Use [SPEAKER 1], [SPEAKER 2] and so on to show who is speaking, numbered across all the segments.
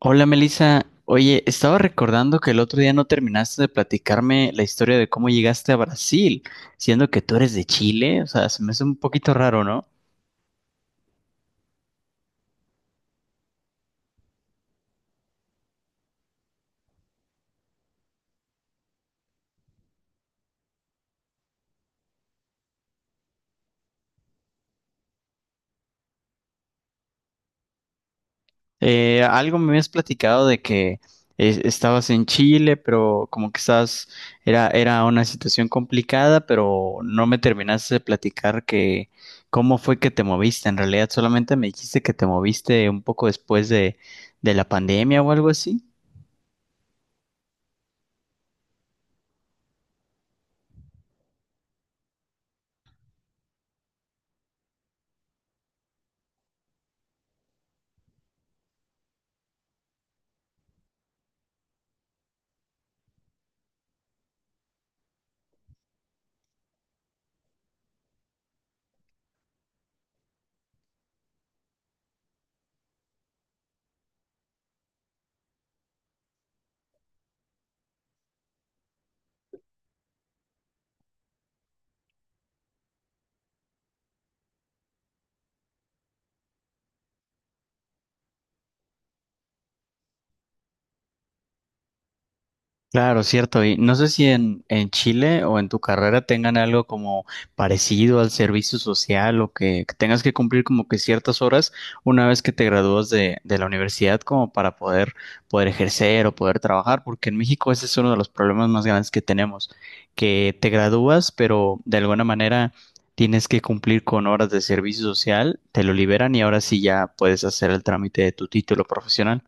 [SPEAKER 1] Hola Melissa, oye, estaba recordando que el otro día no terminaste de platicarme la historia de cómo llegaste a Brasil, siendo que tú eres de Chile, o sea, se me hace un poquito raro, ¿no? Algo me habías platicado de que estabas en Chile, pero como que estabas, era una situación complicada, pero no me terminaste de platicar que cómo fue que te moviste. En realidad, solamente me dijiste que te moviste un poco después de la pandemia o algo así. Claro, cierto. Y no sé si en Chile o en tu carrera tengan algo como parecido al servicio social o que tengas que cumplir como que ciertas horas una vez que te gradúas de la universidad como para poder, poder ejercer o poder trabajar, porque en México ese es uno de los problemas más grandes que tenemos, que te gradúas, pero de alguna manera tienes que cumplir con horas de servicio social, te lo liberan y ahora sí ya puedes hacer el trámite de tu título profesional.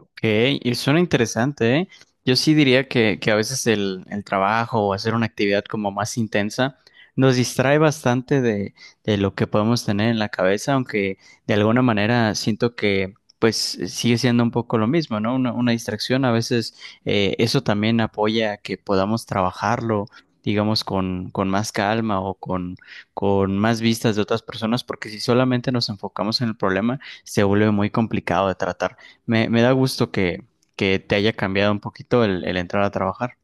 [SPEAKER 1] Ok, y suena interesante, ¿eh? Yo sí diría que a veces el trabajo o hacer una actividad como más intensa nos distrae bastante de lo que podemos tener en la cabeza, aunque de alguna manera siento que pues sigue siendo un poco lo mismo, ¿no? Una distracción a veces eso también apoya a que podamos trabajarlo, digamos, con más calma o con más vistas de otras personas, porque si solamente nos enfocamos en el problema, se vuelve muy complicado de tratar. Me da gusto que te haya cambiado un poquito el entrar a trabajar,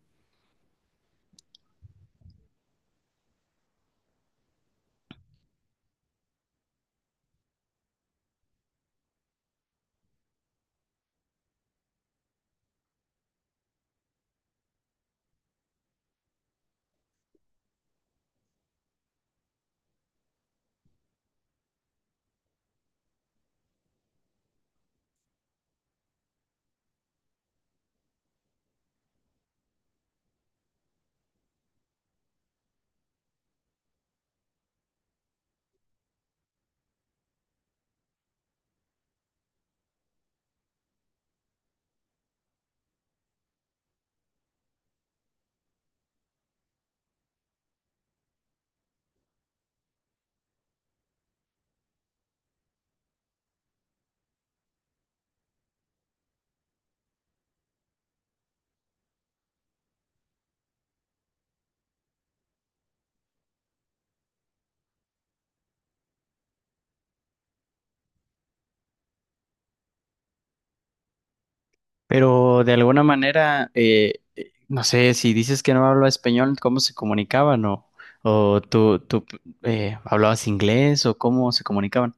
[SPEAKER 1] pero de alguna manera, no sé, si dices que no hablaba español, ¿cómo se comunicaban? ¿O, tú hablabas inglés o cómo se comunicaban?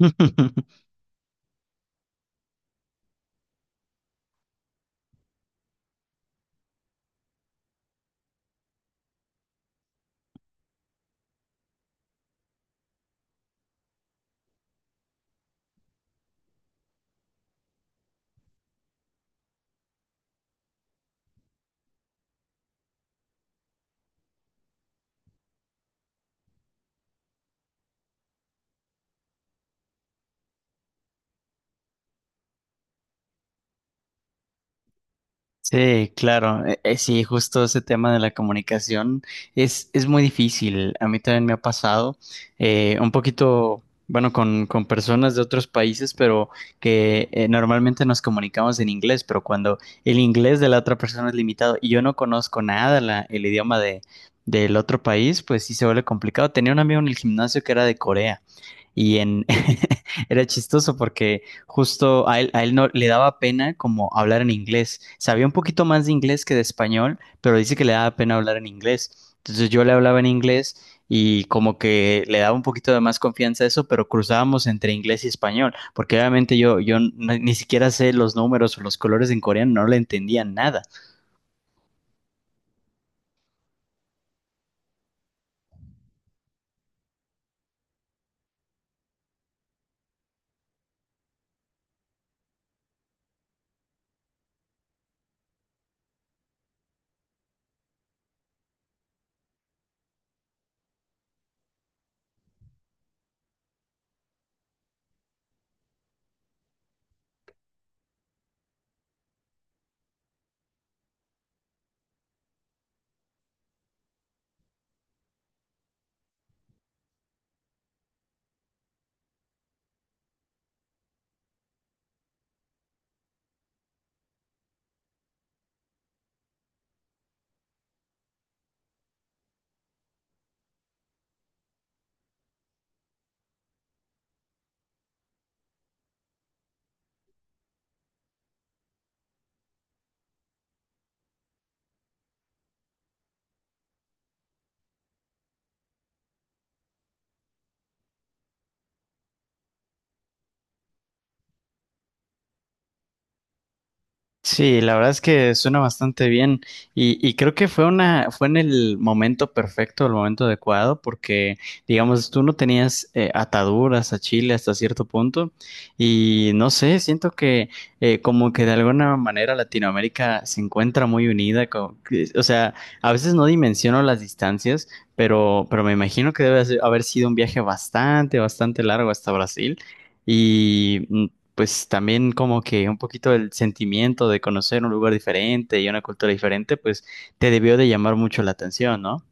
[SPEAKER 1] Sí, claro. Sí, justo ese tema de la comunicación es muy difícil. A mí también me ha pasado un poquito, bueno, con personas de otros países, pero que normalmente nos comunicamos en inglés, pero cuando el inglés de la otra persona es limitado y yo no conozco nada la- el idioma de, del otro país, pues sí se vuelve complicado. Tenía un amigo en el gimnasio que era de Corea y en era chistoso porque justo a él no le daba pena como hablar en inglés. Sabía un poquito más de inglés que de español, pero dice que le daba pena hablar en inglés. Entonces yo le hablaba en inglés y como que le daba un poquito de más confianza a eso, pero cruzábamos entre inglés y español, porque obviamente yo, yo no- ni siquiera sé los números o los colores en coreano, no le entendía nada. Sí, la verdad es que suena bastante bien y creo que fue una, fue en el momento perfecto, el momento adecuado, porque digamos, tú no tenías ataduras a Chile hasta cierto punto y no sé, siento que como que de alguna manera Latinoamérica se encuentra muy unida, co- que- o sea, a veces no dimensiono las distancias, pero me imagino que debe haber sido un viaje bastante, bastante largo hasta Brasil. Y pues también como que un poquito el sentimiento de conocer un lugar diferente y una cultura diferente, pues te debió de llamar mucho la atención, ¿no?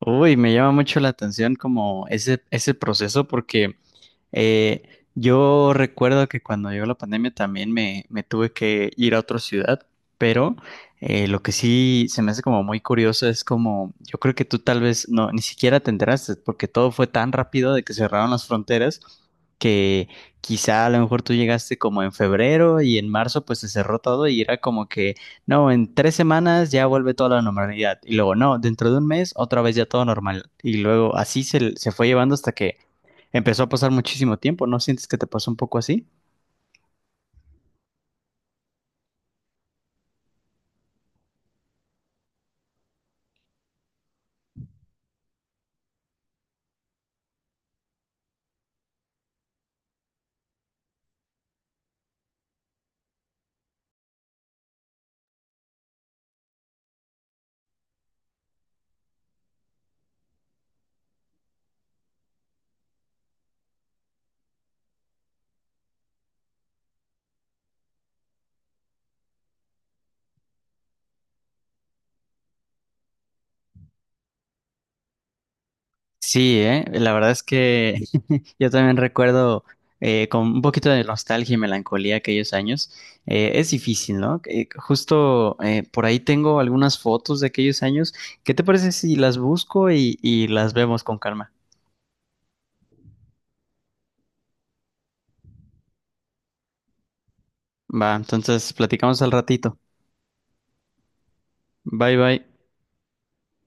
[SPEAKER 1] Uy, me llama mucho la atención como ese proceso porque Eh, yo recuerdo que cuando llegó la pandemia también me tuve que ir a otra ciudad, pero lo que sí se me hace como muy curioso es como, yo creo que tú tal vez no, ni siquiera te enteraste, porque todo fue tan rápido de que cerraron las fronteras que quizá a lo mejor tú llegaste como en febrero y en marzo pues se cerró todo y era como que, no, en 3 semanas ya vuelve toda la normalidad y luego, no, dentro de un mes otra vez ya todo normal y luego así se, se fue llevando hasta que empezó a pasar muchísimo tiempo, ¿no sientes que te pasó un poco así? Sí, ¿eh? La verdad es que yo también recuerdo con un poquito de nostalgia y melancolía aquellos años. Es difícil, ¿no? Justo por ahí tengo algunas fotos de aquellos años. ¿Qué te parece si las busco y las vemos con calma? Va, entonces platicamos al ratito. Bye bye.